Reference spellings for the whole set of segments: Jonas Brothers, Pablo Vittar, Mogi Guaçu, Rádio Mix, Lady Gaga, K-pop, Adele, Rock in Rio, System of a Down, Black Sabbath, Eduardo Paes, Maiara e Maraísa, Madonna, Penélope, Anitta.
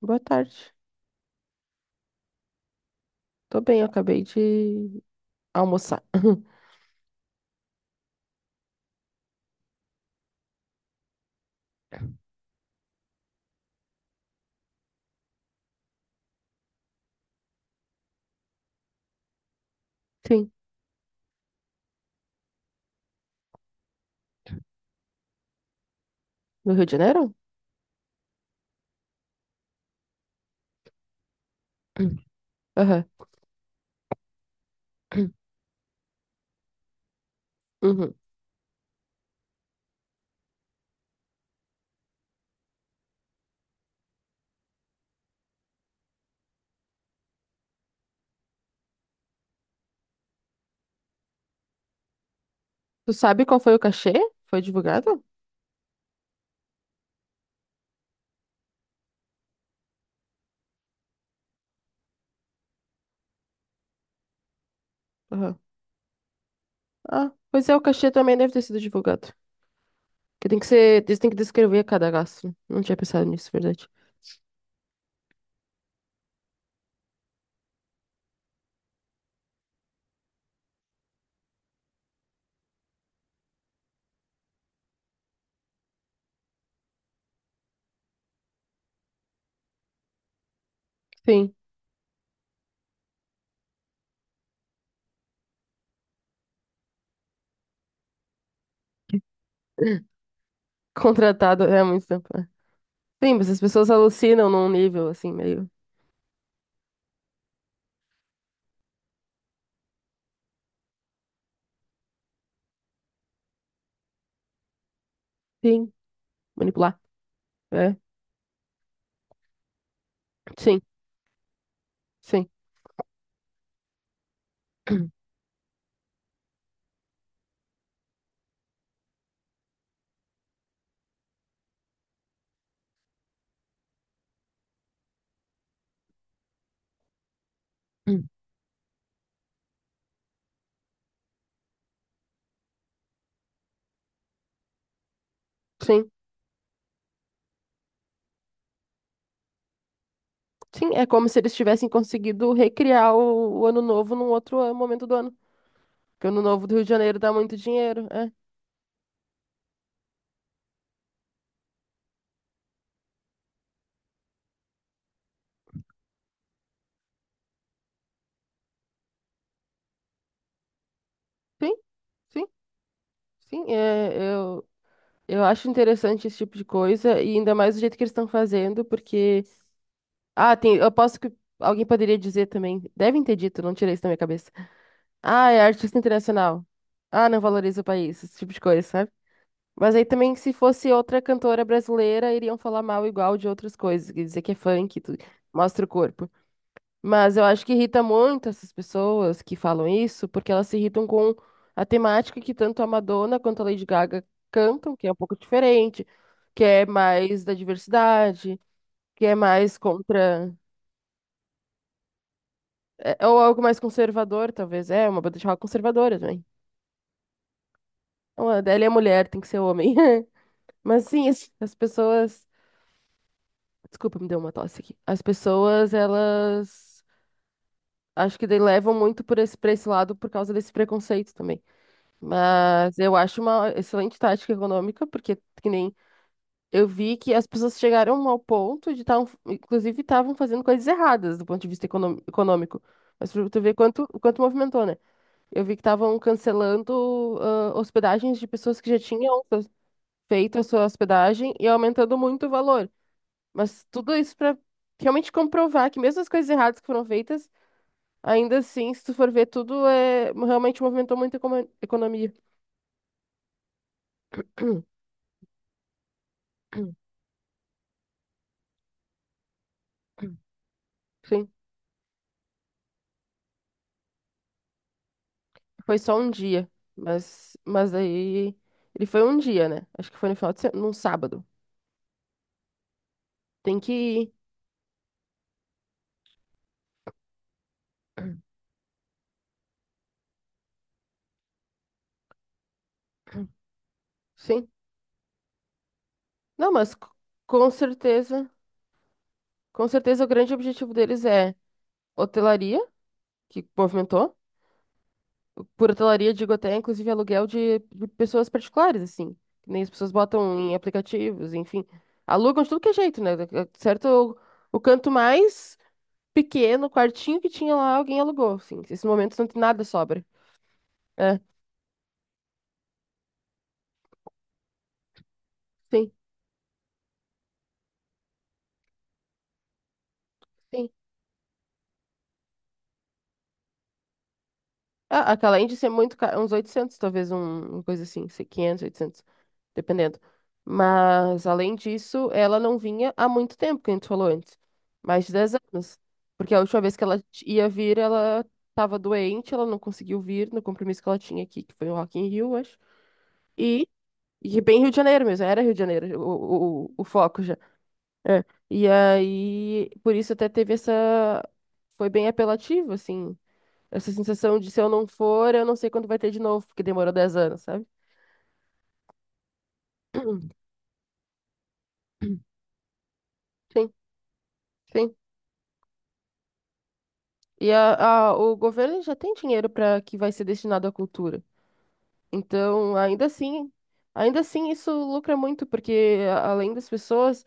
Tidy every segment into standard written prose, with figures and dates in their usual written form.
Boa tarde. Tô bem, eu acabei de almoçar. Sim, no Rio de Janeiro? Aham. Uhum. Tu sabe qual foi o cachê? Foi divulgado? Aham. Ah, pois é, o cachê também deve ter sido divulgado. Que tem que ser, eles têm que descrever cada gasto. Não tinha pensado nisso, verdade. Sim, contratado é há muito tempo. É. Sim, mas as pessoas alucinam num nível assim, meio. Sim, manipular. É. Sim, sim. Sim. Sim, é como se eles tivessem conseguido recriar o Ano Novo num outro momento do ano. Porque o Ano Novo do Rio de Janeiro dá muito dinheiro. É. Sim, sim, sim. É, eu acho interessante esse tipo de coisa, e ainda mais do jeito que eles estão fazendo, porque. Ah, tem. Eu posso que alguém poderia dizer também. Devem ter dito, não tirei isso da minha cabeça. Ah, é artista internacional. Ah, não valoriza o país, esse tipo de coisa, sabe? Mas aí também, se fosse outra cantora brasileira, iriam falar mal igual de outras coisas, quer dizer que é funk, mostra o corpo. Mas eu acho que irrita muito essas pessoas que falam isso, porque elas se irritam com a temática que tanto a Madonna quanto a Lady Gaga cantam, que é um pouco diferente, que é mais da diversidade, que é mais contra. É, ou algo mais conservador, talvez. É, uma banda de rock conservadora também. Não, a Adele é mulher, tem que ser homem. Mas sim, as pessoas. Desculpa, me deu uma tosse aqui. As pessoas, elas. Acho que daí levam muito por esse, pra esse lado por causa desse preconceito também. Mas eu acho uma excelente tática econômica, porque que nem eu vi que as pessoas chegaram ao ponto de estar, inclusive, estavam fazendo coisas erradas do ponto de vista econômico. Mas pra tu ver quanto movimentou, né? Eu vi que estavam cancelando ah, hospedagens de pessoas que já tinham feito a sua hospedagem e aumentando muito o valor. Mas tudo isso para realmente comprovar que mesmo as coisas erradas que foram feitas, ainda assim, se tu for ver, tudo é realmente movimentou muito a economia. Sim. Foi só um dia, mas aí ele foi um dia, né? Acho que foi no final de semana, num sábado. Tem que ir. Sim. Não, mas com certeza, com certeza o grande objetivo deles é hotelaria, que movimentou. Por hotelaria, digo até inclusive aluguel de pessoas particulares, assim. Que nem as pessoas botam em aplicativos, enfim. Alugam de tudo que é jeito, né? Certo? O canto mais pequeno, o quartinho que tinha lá, alguém alugou, assim. Esses momentos não tem nada sobra. É, sim. Sim. Ah, aquela além de ser muito cara, uns 800 talvez, uma coisa assim, 500 800 dependendo. Mas, além disso, ela não vinha há muito tempo, que a gente falou antes, mais de 10 anos. Porque a última vez que ela ia vir, ela estava doente, ela não conseguiu vir no compromisso que ela tinha aqui, que foi o Rock in Rio, acho. E, e bem Rio de Janeiro mesmo, era Rio de Janeiro o foco já. É. E aí, por isso até teve essa... Foi bem apelativo, assim, essa sensação de se eu não for, eu não sei quando vai ter de novo, porque demorou 10 anos, sabe? Sim, sim. E o governo já tem dinheiro para que vai ser destinado à cultura. Então, ainda assim isso lucra muito, porque além das pessoas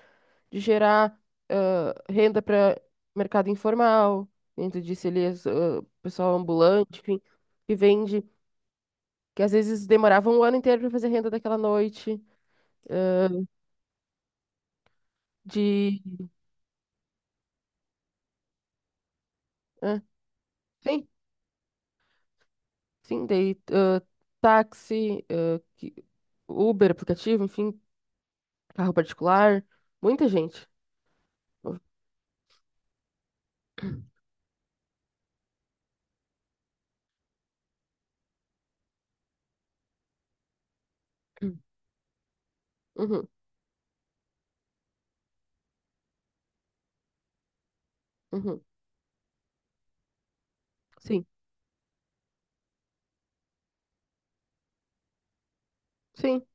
de gerar ah, renda para mercado informal, dentro disso ali, pessoal ambulante, enfim, que vende, que às vezes demorava um ano inteiro para fazer renda daquela noite, de, ah, sim. Sim, daí táxi, Uber, aplicativo, enfim, carro particular, muita gente. Uhum, uhum. Sim, sim,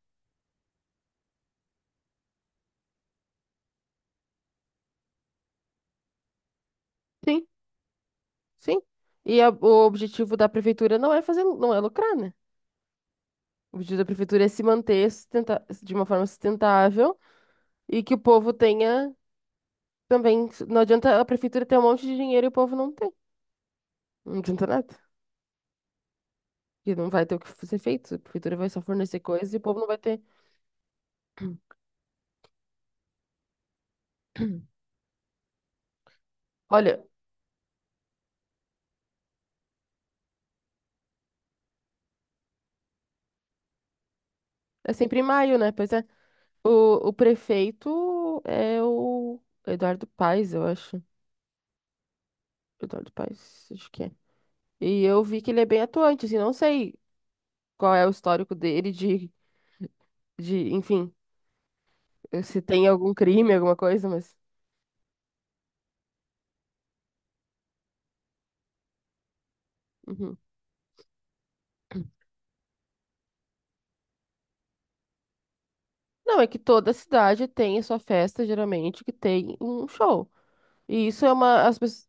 sim, sim. E o objetivo da prefeitura não é fazer, não é lucrar, né? O objetivo da prefeitura é se manter de uma forma sustentável e que o povo tenha também. Não adianta a prefeitura ter um monte de dinheiro e o povo não ter. Não adianta nada. Porque não vai ter o que ser feito. A prefeitura vai só fornecer coisas e o povo não vai ter. Olha, é sempre em maio, né? Pois é. O prefeito é o Eduardo Paes, eu acho. Eduardo Paes, acho que é. E eu vi que ele é bem atuante, assim, não sei qual é o histórico dele de enfim, se tem algum crime, alguma coisa, mas. Uhum. Não, é que toda cidade tem a sua festa, geralmente, que tem um show. E isso é uma. As pessoas,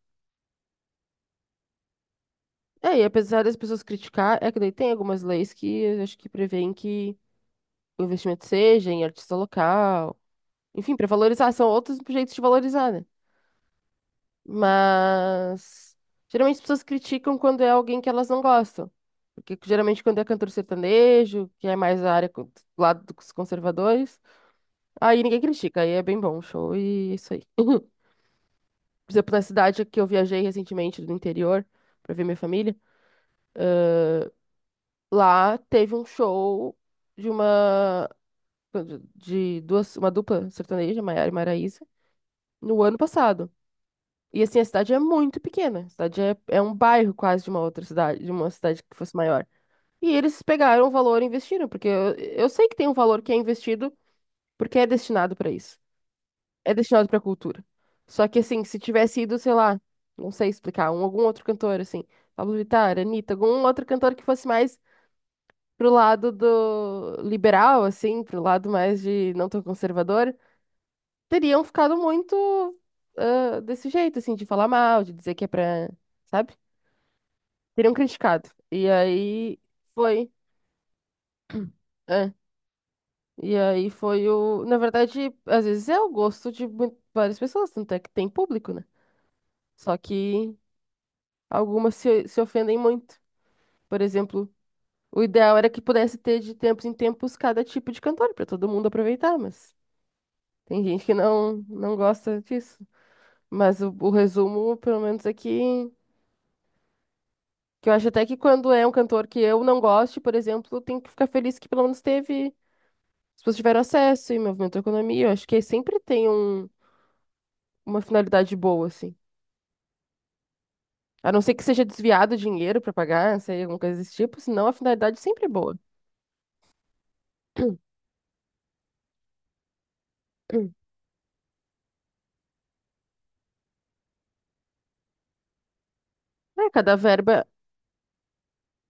é, e apesar das pessoas criticar, é que daí tem algumas leis que eu acho que prevêem que o investimento seja em artista local. Enfim, para valorizar, são outros jeitos de valorizar, né? Mas geralmente as pessoas criticam quando é alguém que elas não gostam. Porque geralmente quando é cantor sertanejo, que é mais a área do lado dos conservadores, aí ninguém critica, aí é bem bom o show e é isso aí. Por exemplo, na cidade que eu viajei recentemente do interior pra ver minha família, eh, lá teve um show de uma de duas, uma dupla sertaneja, Maiara e Maraísa, no ano passado. E assim, a cidade é muito pequena. A cidade é, é um bairro quase de uma outra cidade, de uma cidade que fosse maior. E eles pegaram o valor e investiram, porque eu sei que tem um valor que é investido porque é destinado para isso. É destinado para cultura. Só que assim, se tivesse ido, sei lá, não sei explicar, algum outro cantor, assim, Pablo Vittar, Anitta, algum outro cantor que fosse mais pro lado do liberal, assim, pro lado mais de não tão conservador, teriam ficado muito ah, desse jeito, assim, de falar mal, de dizer que é pra, sabe? Teriam criticado. E aí foi, é. E aí foi o, na verdade, às vezes é o gosto de várias pessoas, tanto é que tem público, né? Só que algumas se ofendem muito. Por exemplo, o ideal era que pudesse ter de tempos em tempos cada tipo de cantor para todo mundo aproveitar, mas tem gente que não não gosta disso. Mas o resumo, pelo menos é que eu acho até que quando é um cantor que eu não goste, por exemplo, tem que ficar feliz que pelo menos teve. As pessoas tiveram acesso e movimento a economia. Eu acho que sempre tem uma finalidade boa, assim. A não ser que seja desviado dinheiro para pagar, não sei, alguma coisa desse tipo, senão a finalidade sempre é boa. Hum. É, cada verba.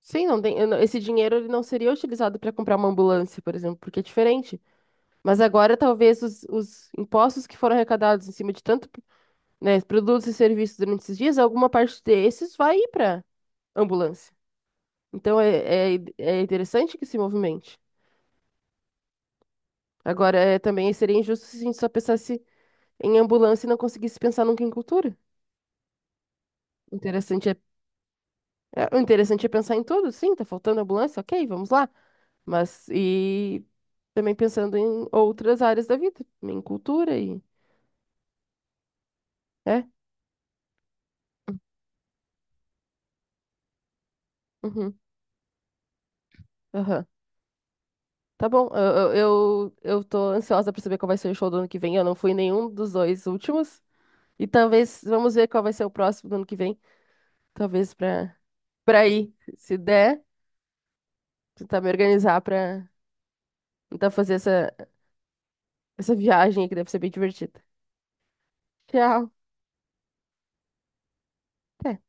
Sim, não tem, eu não- esse dinheiro ele não seria utilizado para comprar uma ambulância, por exemplo, porque é diferente. Mas agora talvez os impostos que foram arrecadados em cima de tanto, né, produtos e serviços durante esses dias, alguma parte desses vai ir para ambulância. Então é interessante que se movimente. Agora, é, também seria injusto se a gente só pensasse em ambulância e não conseguisse pensar nunca em cultura. O Interessante é, o interessante é pensar em tudo, sim, tá faltando ambulância, ok, vamos lá. Mas, e também pensando em outras áreas da vida, em cultura e... É? Uhum, aham. Tá bom, eu tô ansiosa pra saber qual vai ser o show do ano que vem. Eu não fui em nenhum dos dois últimos. E talvez, vamos ver qual vai ser o próximo do ano que vem. Talvez pra ir, se der, tentar me organizar pra tentar fazer essa viagem aí que deve ser bem divertida. Tchau. Até.